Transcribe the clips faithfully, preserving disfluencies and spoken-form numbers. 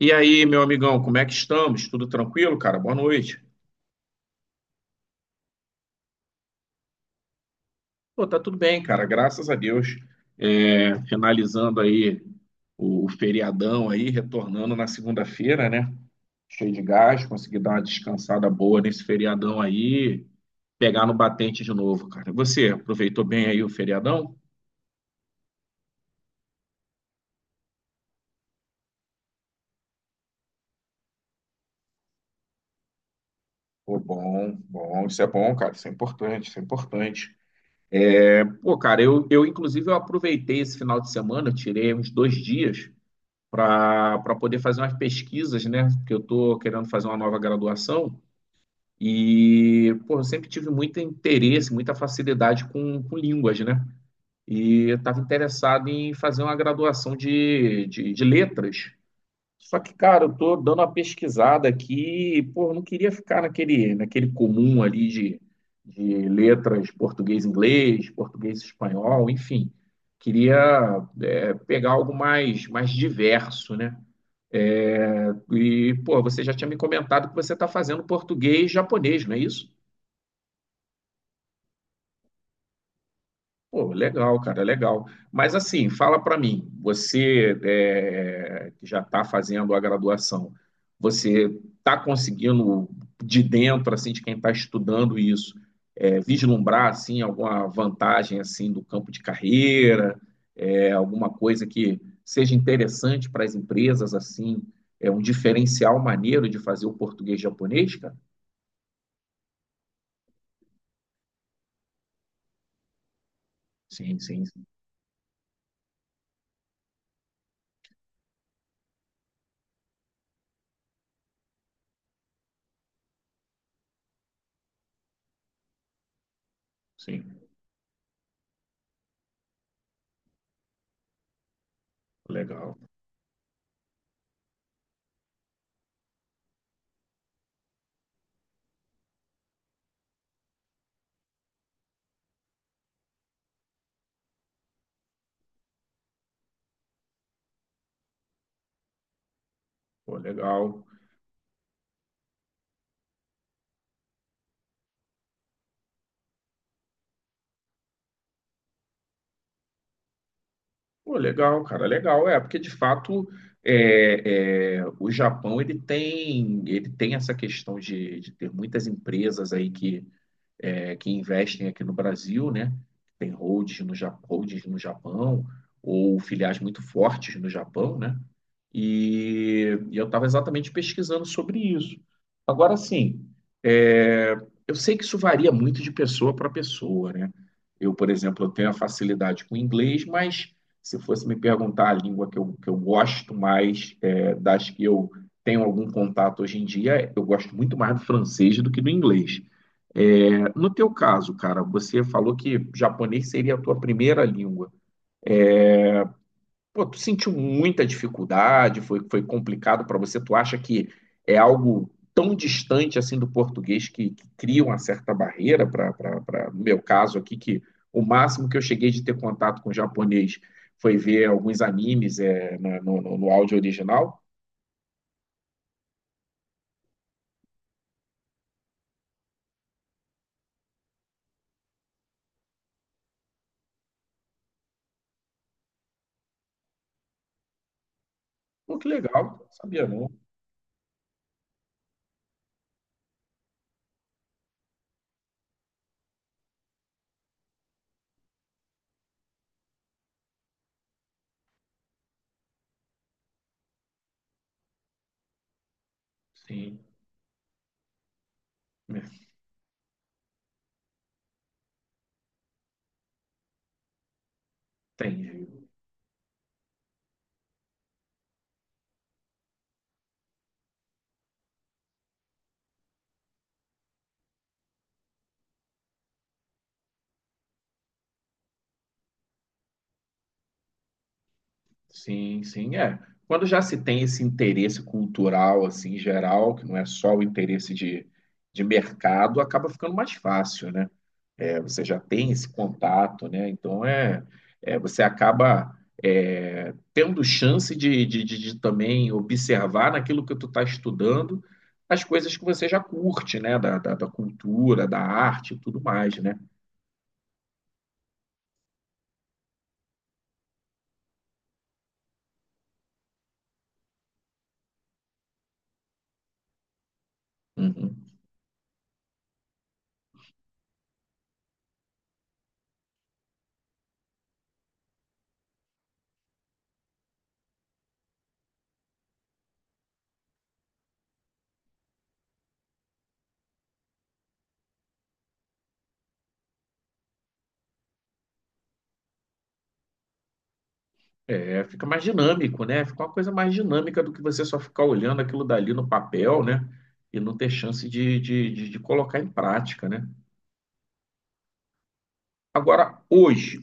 E aí, meu amigão, como é que estamos? Tudo tranquilo, cara? Boa noite. Pô, tá tudo bem, cara, graças a Deus. É, finalizando aí o, o feriadão aí, retornando na segunda-feira, né? Cheio de gás, consegui dar uma descansada boa nesse feriadão aí, pegar no batente de novo, cara. E você aproveitou bem aí o feriadão? Pô, bom, bom, isso é bom, cara, isso é importante, isso é importante. Pô, cara, eu, eu inclusive eu aproveitei esse final de semana, eu tirei uns dois dias para poder fazer umas pesquisas, né? Porque eu estou querendo fazer uma nova graduação e, pô, eu sempre tive muito interesse, muita facilidade com, com línguas, né? E eu estava interessado em fazer uma graduação de, de, de letras. Só que, cara, eu estou dando uma pesquisada aqui, e, pô, eu não queria ficar naquele, naquele comum ali de, de letras português-inglês, português-espanhol, enfim. Queria, é, pegar algo mais, mais diverso, né? É, e, pô, você já tinha me comentado que você está fazendo português e japonês, não é isso? Pô, legal, cara, legal. Mas assim, fala para mim, você é, que já está fazendo a graduação, você está conseguindo de dentro, assim, de quem está estudando isso, é, vislumbrar assim alguma vantagem assim do campo de carreira, é, alguma coisa que seja interessante para as empresas assim, é um diferencial maneiro de fazer o português japonês, cara? Sim, sim, sim, sim. Legal, pô, legal. Pô, legal, cara, legal. É, porque de fato é, é, o Japão ele tem, ele tem essa questão de, de ter muitas empresas aí que é, que investem aqui no Brasil, né? Tem holdings no, Ja- holdings no Japão ou filiais muito fortes no Japão, né? E, e eu estava exatamente pesquisando sobre isso. Agora, sim, é, eu sei que isso varia muito de pessoa para pessoa, né? Eu, por exemplo, eu tenho a facilidade com o inglês, mas se fosse me perguntar a língua que eu, que eu gosto mais, é, das que eu tenho algum contato hoje em dia, eu gosto muito mais do francês do que do inglês. É, no teu caso, cara, você falou que japonês seria a tua primeira língua. Pô, tu sentiu muita dificuldade? Foi, foi complicado para você? Tu acha que é algo tão distante assim do português que, que cria uma certa barreira para, para, no meu caso aqui, que o máximo que eu cheguei de ter contato com japonês foi ver alguns animes é, na- no, no, no áudio original? Pô, que legal, sabia não. Sim, entendi. Sim, sim, é. Quando já se tem esse interesse cultural, assim, geral, que não é só o interesse de, de mercado, acaba ficando mais fácil, né? É, você já tem esse contato, né? Então, é, é você acaba é, tendo chance de, de, de, de também observar naquilo que tu está estudando as coisas que você já curte, né? Da, da, da cultura, da arte e tudo mais, né? Uhum. É, fica mais dinâmico, né? Fica uma coisa mais dinâmica do que você só ficar olhando aquilo dali no papel, né? E não ter chance de, de, de, de colocar em prática, né? Agora, hoje,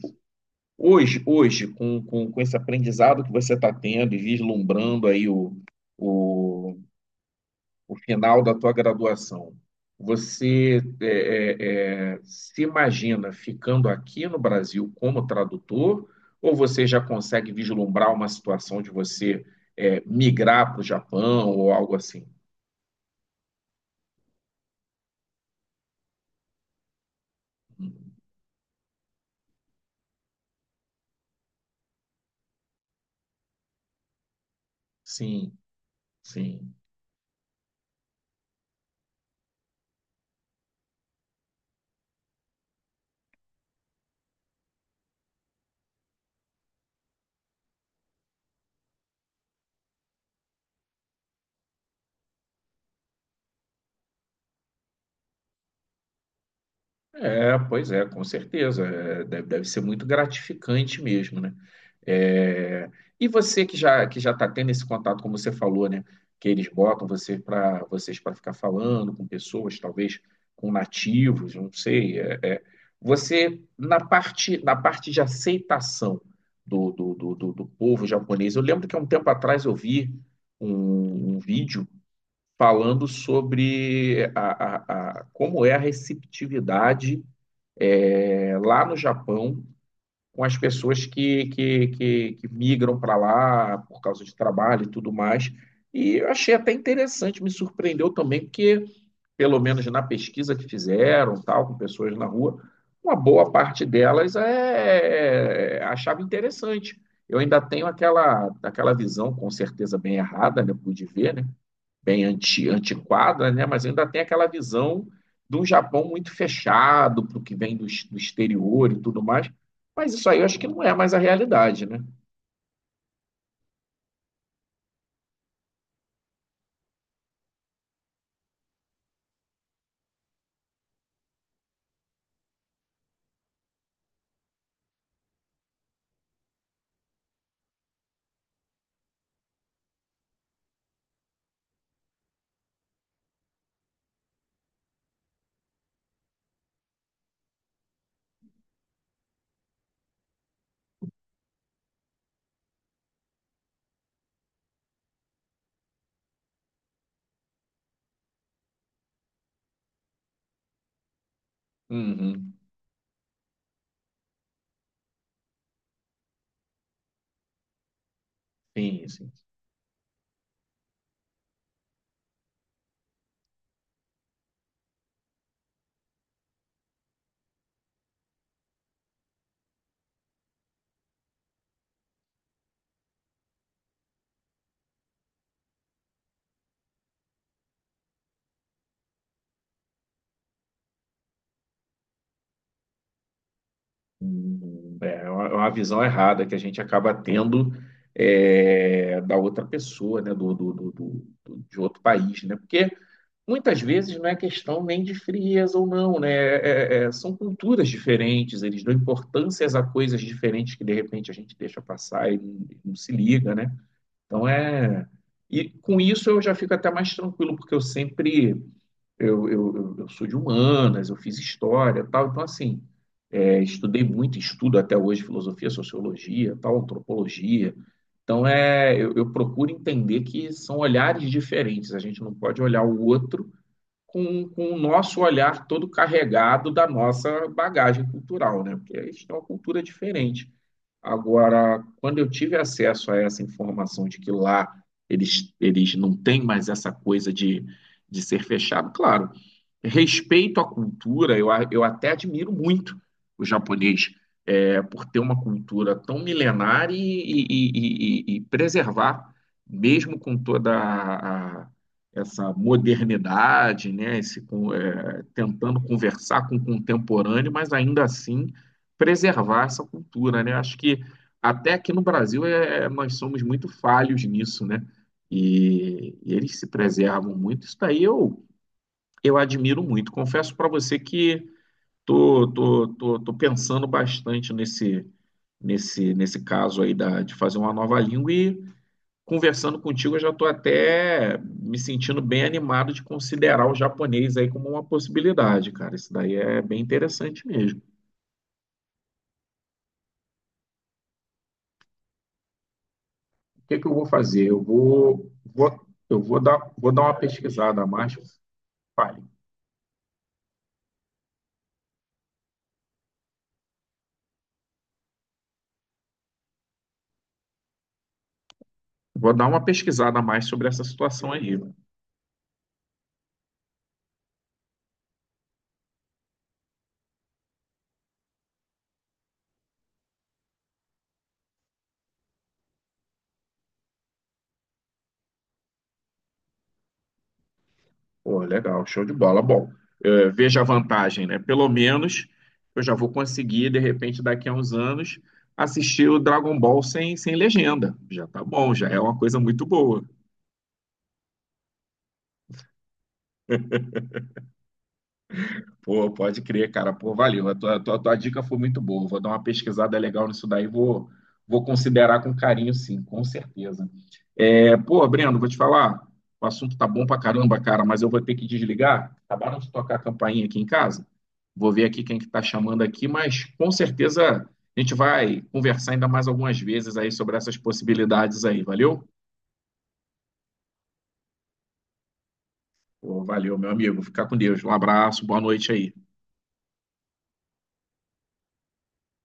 hoje, hoje, com, com, com esse aprendizado que você está tendo e vislumbrando aí o, o, o final da tua graduação, você é, é, é, se imagina ficando aqui no Brasil como tradutor, ou você já consegue vislumbrar uma situação de você é, migrar para o Japão ou algo assim? Sim, sim. É, pois é, com certeza. É, deve, deve ser muito gratificante mesmo, né? É, e você que já que já está tendo esse contato, como você falou, né? Que eles botam você para vocês para ficar falando com pessoas, talvez com nativos, não sei. é, é. Você na parte na parte de aceitação do, do, do, do, do povo japonês, eu lembro que há um tempo atrás eu vi um, um vídeo falando sobre a, a, a- como é a receptividade é, lá no Japão com as pessoas que, que, que, que migram para lá por causa de trabalho e tudo mais. E eu achei até interessante, me surpreendeu também, porque, pelo menos na pesquisa que fizeram, tal, com pessoas na rua, uma boa parte delas é, achava interessante. Eu ainda tenho aquela, aquela visão, com certeza bem errada, né? Pude ver, né? bem anti, antiquada, né? Mas ainda tem aquela visão de um Japão muito fechado para o que vem do, ex- do exterior e tudo mais. Mas isso aí eu acho que não é mais a realidade, né? Uhum. Sim, sim. Hum, É é uma é uma visão errada que a gente acaba tendo é, da outra pessoa, né? Do, do, do, do- do- de outro país, né? Porque muitas vezes não é questão nem de frieza ou não, né? É- é- é- são culturas diferentes, eles dão importâncias a coisas diferentes que de repente a gente deixa passar e não, não se liga, né? Então é. E com isso eu já fico até mais tranquilo, porque eu sempre. Eu, eu, eu- eu sou de humanas, eu fiz história e tal, então assim. é, estudei muito, estudo até hoje filosofia, sociologia, tal, antropologia. Então é, eu eu procuro entender que são olhares diferentes. A gente não pode olhar o outro com, com o nosso olhar todo carregado da nossa bagagem cultural, né? Porque a gente tem uma cultura diferente. Agora, quando eu tive acesso a essa informação de que lá eles, eles não têm mais essa coisa de, de ser fechado, claro, respeito à cultura, eu, eu até admiro muito o japonês é, por ter uma cultura tão milenar e, e- e- e- e preservar, mesmo com toda a- a- essa modernidade, né, esse con- é, tentando conversar com o contemporâneo, mas ainda assim preservar essa cultura, né? Acho que até aqui no Brasil é, é, nós somos muito falhos nisso, né? E, e eles se preservam muito. Isso daí eu, eu admiro muito. Confesso para você que Tô, tô, tô, tô pensando bastante nesse, nesse, nesse caso aí da, de fazer uma nova língua e conversando contigo, eu já estou até me sentindo bem animado de considerar o japonês aí como uma possibilidade, cara. Isso daí é bem interessante mesmo. O que que eu vou fazer? Eu vou, vou, eu vou dar, vou dar uma pesquisada a mais. Fale. Vou dar uma pesquisada a mais sobre essa situação aí. Pô, legal, show de bola. Bom, eh, veja a vantagem, né? Pelo menos eu já vou conseguir, de repente, daqui a uns anos, assistir o Dragon Ball sem, sem legenda. Já tá bom, já é uma coisa muito boa. Pô, pode crer, cara. Pô, valeu. A tua, tua, tua dica foi muito boa. Vou dar uma pesquisada legal nisso daí. Vou, vou considerar com carinho, sim, com certeza. É, pô, Breno, vou te falar. O assunto tá bom pra caramba, cara, mas eu vou ter que desligar. Acabaram de tocar a campainha aqui em casa. Vou ver aqui quem que está chamando aqui, mas com certeza a gente vai conversar ainda mais algumas vezes aí sobre essas possibilidades aí. Valeu? Pô, valeu, meu amigo. Fica com Deus. Um abraço, boa noite aí.